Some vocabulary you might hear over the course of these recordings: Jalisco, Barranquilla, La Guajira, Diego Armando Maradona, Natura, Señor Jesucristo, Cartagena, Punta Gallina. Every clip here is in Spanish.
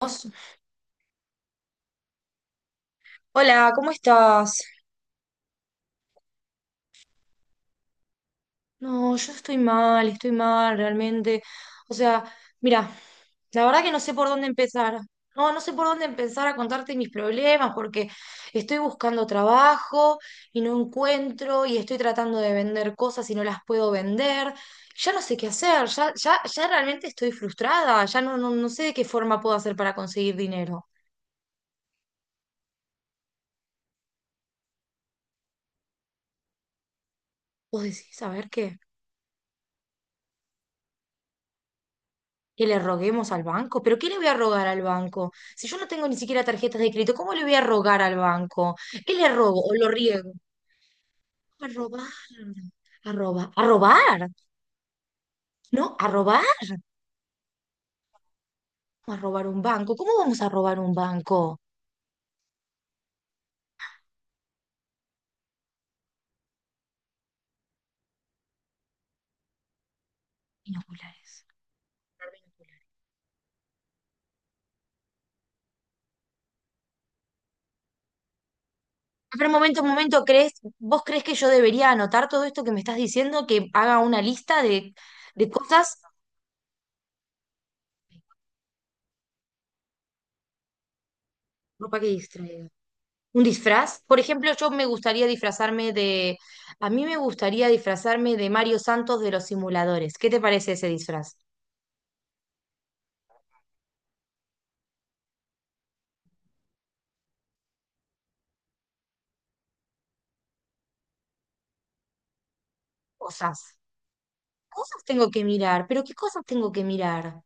Vos. Hola, ¿cómo estás? No, yo estoy mal realmente. O sea, mira, la verdad que no sé por dónde empezar. No, no sé por dónde empezar a contarte mis problemas porque estoy buscando trabajo y no encuentro y estoy tratando de vender cosas y no las puedo vender. Ya no sé qué hacer, ya, ya, ya realmente estoy frustrada, ya no, no, no sé de qué forma puedo hacer para conseguir dinero. ¿Vos decís, a ver qué? Que le roguemos al banco. ¿Pero qué le voy a rogar al banco? Si yo no tengo ni siquiera tarjetas de crédito, ¿cómo le voy a rogar al banco? ¿Qué le rogo o lo riego? A robar, a robar, a robar, ¿no? A robar un banco. ¿Cómo vamos a robar un banco? Binoculares. A ver, un momento, ¿vos crees que yo debería anotar todo esto que me estás diciendo, que haga una lista de cosas? Ropa que distraiga. Un disfraz. Por ejemplo, yo me gustaría disfrazarme de... A mí me gustaría disfrazarme de Mario Santos de los simuladores. ¿Qué te parece ese disfraz? Cosas. Cosas tengo que mirar, pero ¿qué cosas tengo que mirar?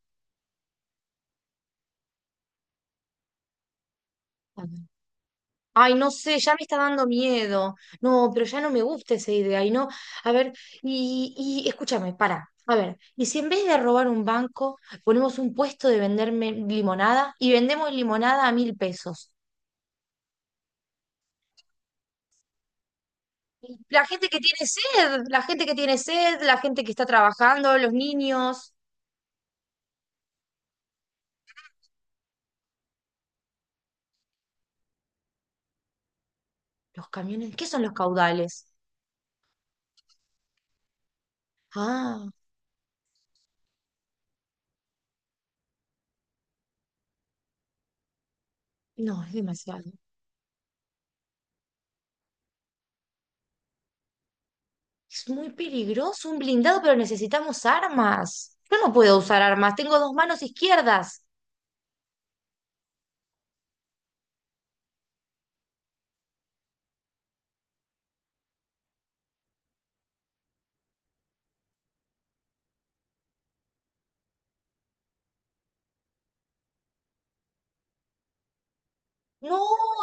A ver. Ay, no sé, ya me está dando miedo. No, pero ya no me gusta esa idea. Y no, a ver, y escúchame, para. A ver, ¿y si en vez de robar un banco, ponemos un puesto de venderme limonada y vendemos limonada a mil pesos? La gente que tiene sed, la gente que tiene sed, la gente que está trabajando, los niños, los camiones. ¿Qué son los caudales? Ah, no, es demasiado. Es muy peligroso un blindado, pero necesitamos armas. Yo no puedo usar armas, tengo dos manos izquierdas. No,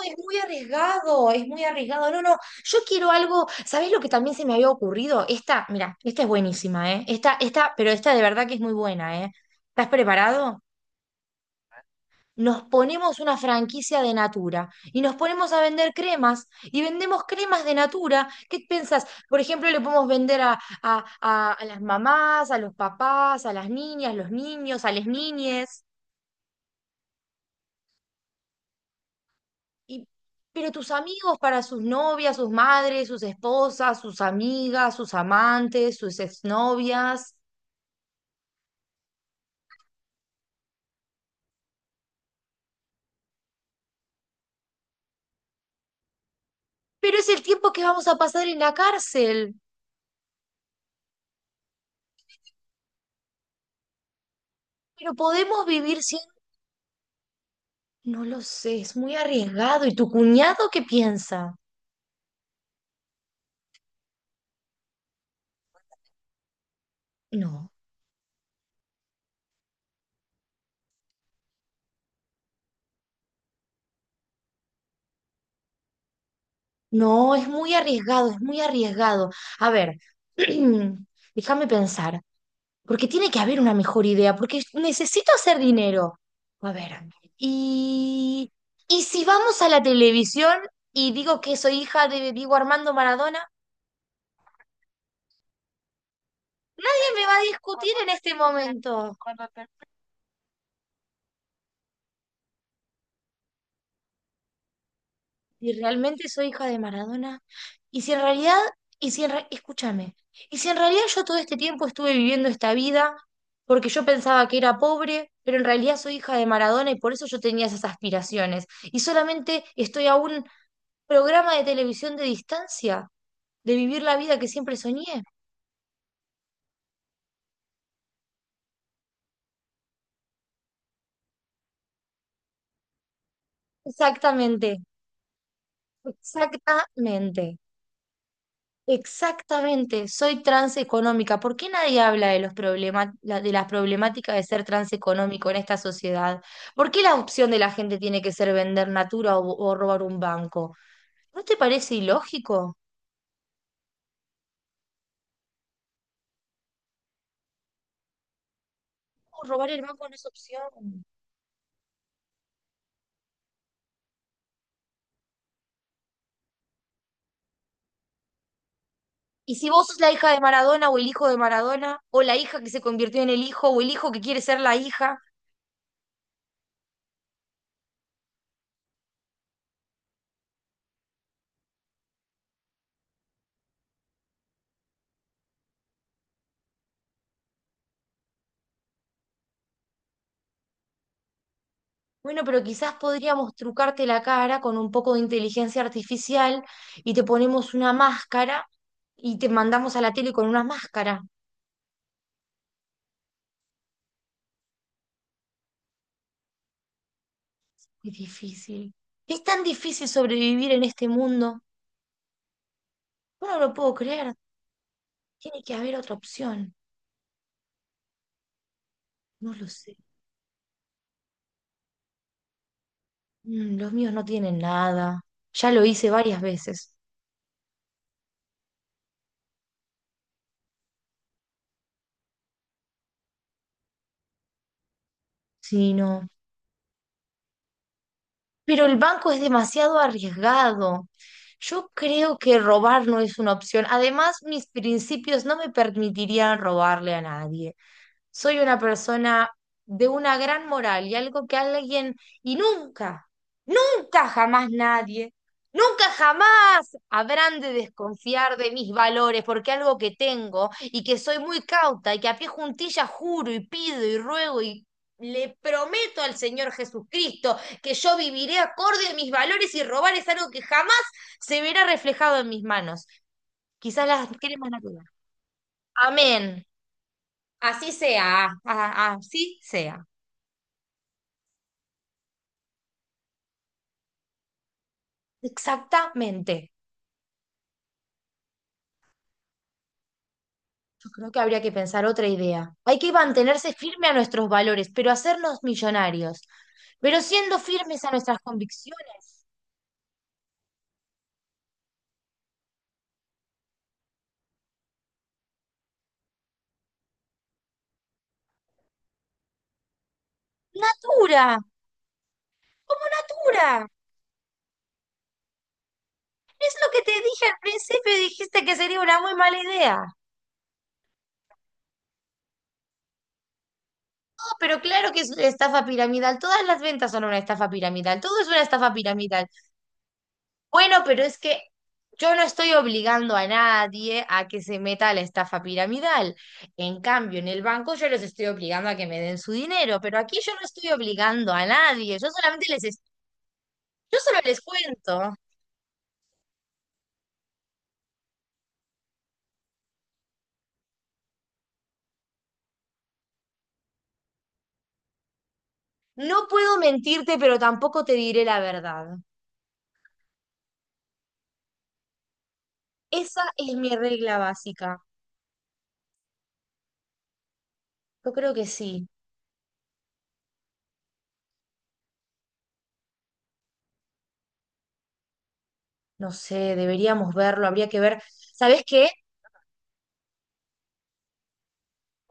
es muy arriesgado, es muy arriesgado. No, no, yo quiero algo. ¿Sabés lo que también se me había ocurrido? Esta, mira, esta es buenísima, ¿eh? Esta, pero esta de verdad que es muy buena, ¿eh? ¿Estás preparado? Nos ponemos una franquicia de Natura y nos ponemos a vender cremas y vendemos cremas de Natura. ¿Qué pensás? Por ejemplo, le podemos vender a las mamás, a los papás, a las niñas, los niños, a las niñes. Y, pero tus amigos para sus novias, sus madres, sus esposas, sus amigas, sus amantes, sus exnovias. Pero es el tiempo que vamos a pasar en la cárcel. Pero podemos vivir sin... No lo sé, es muy arriesgado. ¿Y tu cuñado qué piensa? No, no, es muy arriesgado, es muy arriesgado. A ver, déjame pensar, porque tiene que haber una mejor idea, porque necesito hacer dinero. A ver, y, y si vamos a la televisión y digo que soy hija de Diego Armando Maradona, nadie me va a discutir en este momento. Si realmente soy hija de Maradona, y si en realidad, y si en re- escúchame, y si en realidad yo todo este tiempo estuve viviendo esta vida porque yo pensaba que era pobre, pero en realidad soy hija de Maradona y por eso yo tenía esas aspiraciones, y solamente estoy a un programa de televisión de distancia de vivir la vida que siempre soñé. Exactamente, exactamente. Exactamente, soy transeconómica. ¿Por qué nadie habla de los problema- la- de las problemáticas de ser transeconómico en esta sociedad? ¿Por qué la opción de la gente tiene que ser vender Natura o robar un banco? ¿No te parece ilógico? No, robar el banco no es opción. Y si vos sos la hija de Maradona o el hijo de Maradona, o la hija que se convirtió en el hijo, o el hijo que quiere ser la hija, bueno, pero quizás podríamos trucarte la cara con un poco de inteligencia artificial y te ponemos una máscara y te mandamos a la tele con una máscara. Es difícil. Es tan difícil sobrevivir en este mundo. Yo no lo puedo creer. Tiene que haber otra opción. No lo sé. Mm, los míos no tienen nada. Ya lo hice varias veces. Sí, no. Pero el banco es demasiado arriesgado. Yo creo que robar no es una opción. Además, mis principios no me permitirían robarle a nadie. Soy una persona de una gran moral y algo que alguien, y nunca, nunca jamás nadie, nunca jamás habrán de desconfiar de mis valores porque algo que tengo y que soy muy cauta y que a pie juntillas juro y pido y ruego y le prometo al Señor Jesucristo que yo viviré acorde a mis valores y robar es algo que jamás se verá reflejado en mis manos. Quizás las queremos natural. Amén. Así sea. Ah, ah, así sea. Exactamente. Yo creo que habría que pensar otra idea. Hay que mantenerse firme a nuestros valores, pero hacernos millonarios. Pero siendo firmes a nuestras convicciones. Natura, como Natura. Es lo que te dije al principio y dijiste que sería una muy mala idea. Pero claro que es una estafa piramidal. Todas las ventas son una estafa piramidal. Todo es una estafa piramidal. Bueno, pero es que yo no estoy obligando a nadie a que se meta a la estafa piramidal. En cambio, en el banco yo los estoy obligando a que me den su dinero, pero aquí yo no estoy obligando a nadie. Yo solo les cuento. No puedo mentirte, pero tampoco te diré la verdad. Esa es mi regla básica. Yo creo que sí. No sé, deberíamos verlo, habría que ver. ¿Sabes qué?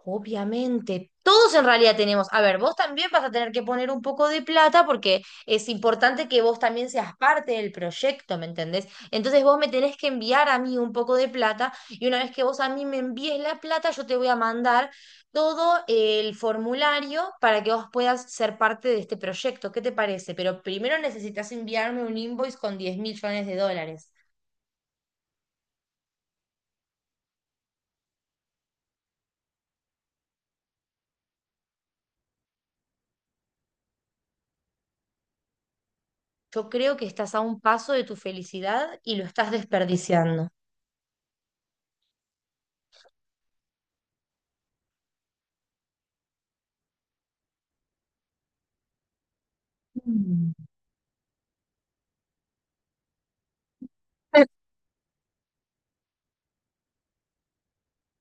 Obviamente, todos en realidad tenemos. A ver, vos también vas a tener que poner un poco de plata porque es importante que vos también seas parte del proyecto, ¿me entendés? Entonces vos me tenés que enviar a mí un poco de plata y una vez que vos a mí me envíes la plata, yo te voy a mandar todo el formulario para que vos puedas ser parte de este proyecto. ¿Qué te parece? Pero primero necesitas enviarme un invoice con 10 millones de dólares. Yo creo que estás a un paso de tu felicidad y lo estás desperdiciando. Mm.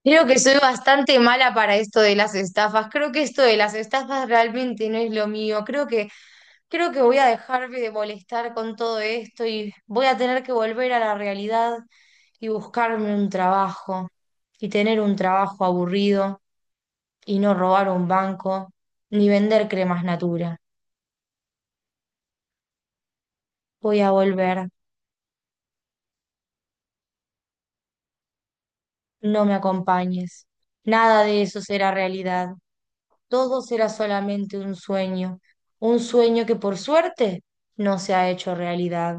Creo que soy bastante mala para esto de las estafas. Creo que esto de las estafas realmente no es lo mío. Creo que voy a dejarme de molestar con todo esto y voy a tener que volver a la realidad y buscarme un trabajo y tener un trabajo aburrido y no robar un banco ni vender cremas Natura. Voy a volver, no me acompañes. Nada de eso será realidad. Todos era solamente un sueño que por suerte no se ha hecho realidad.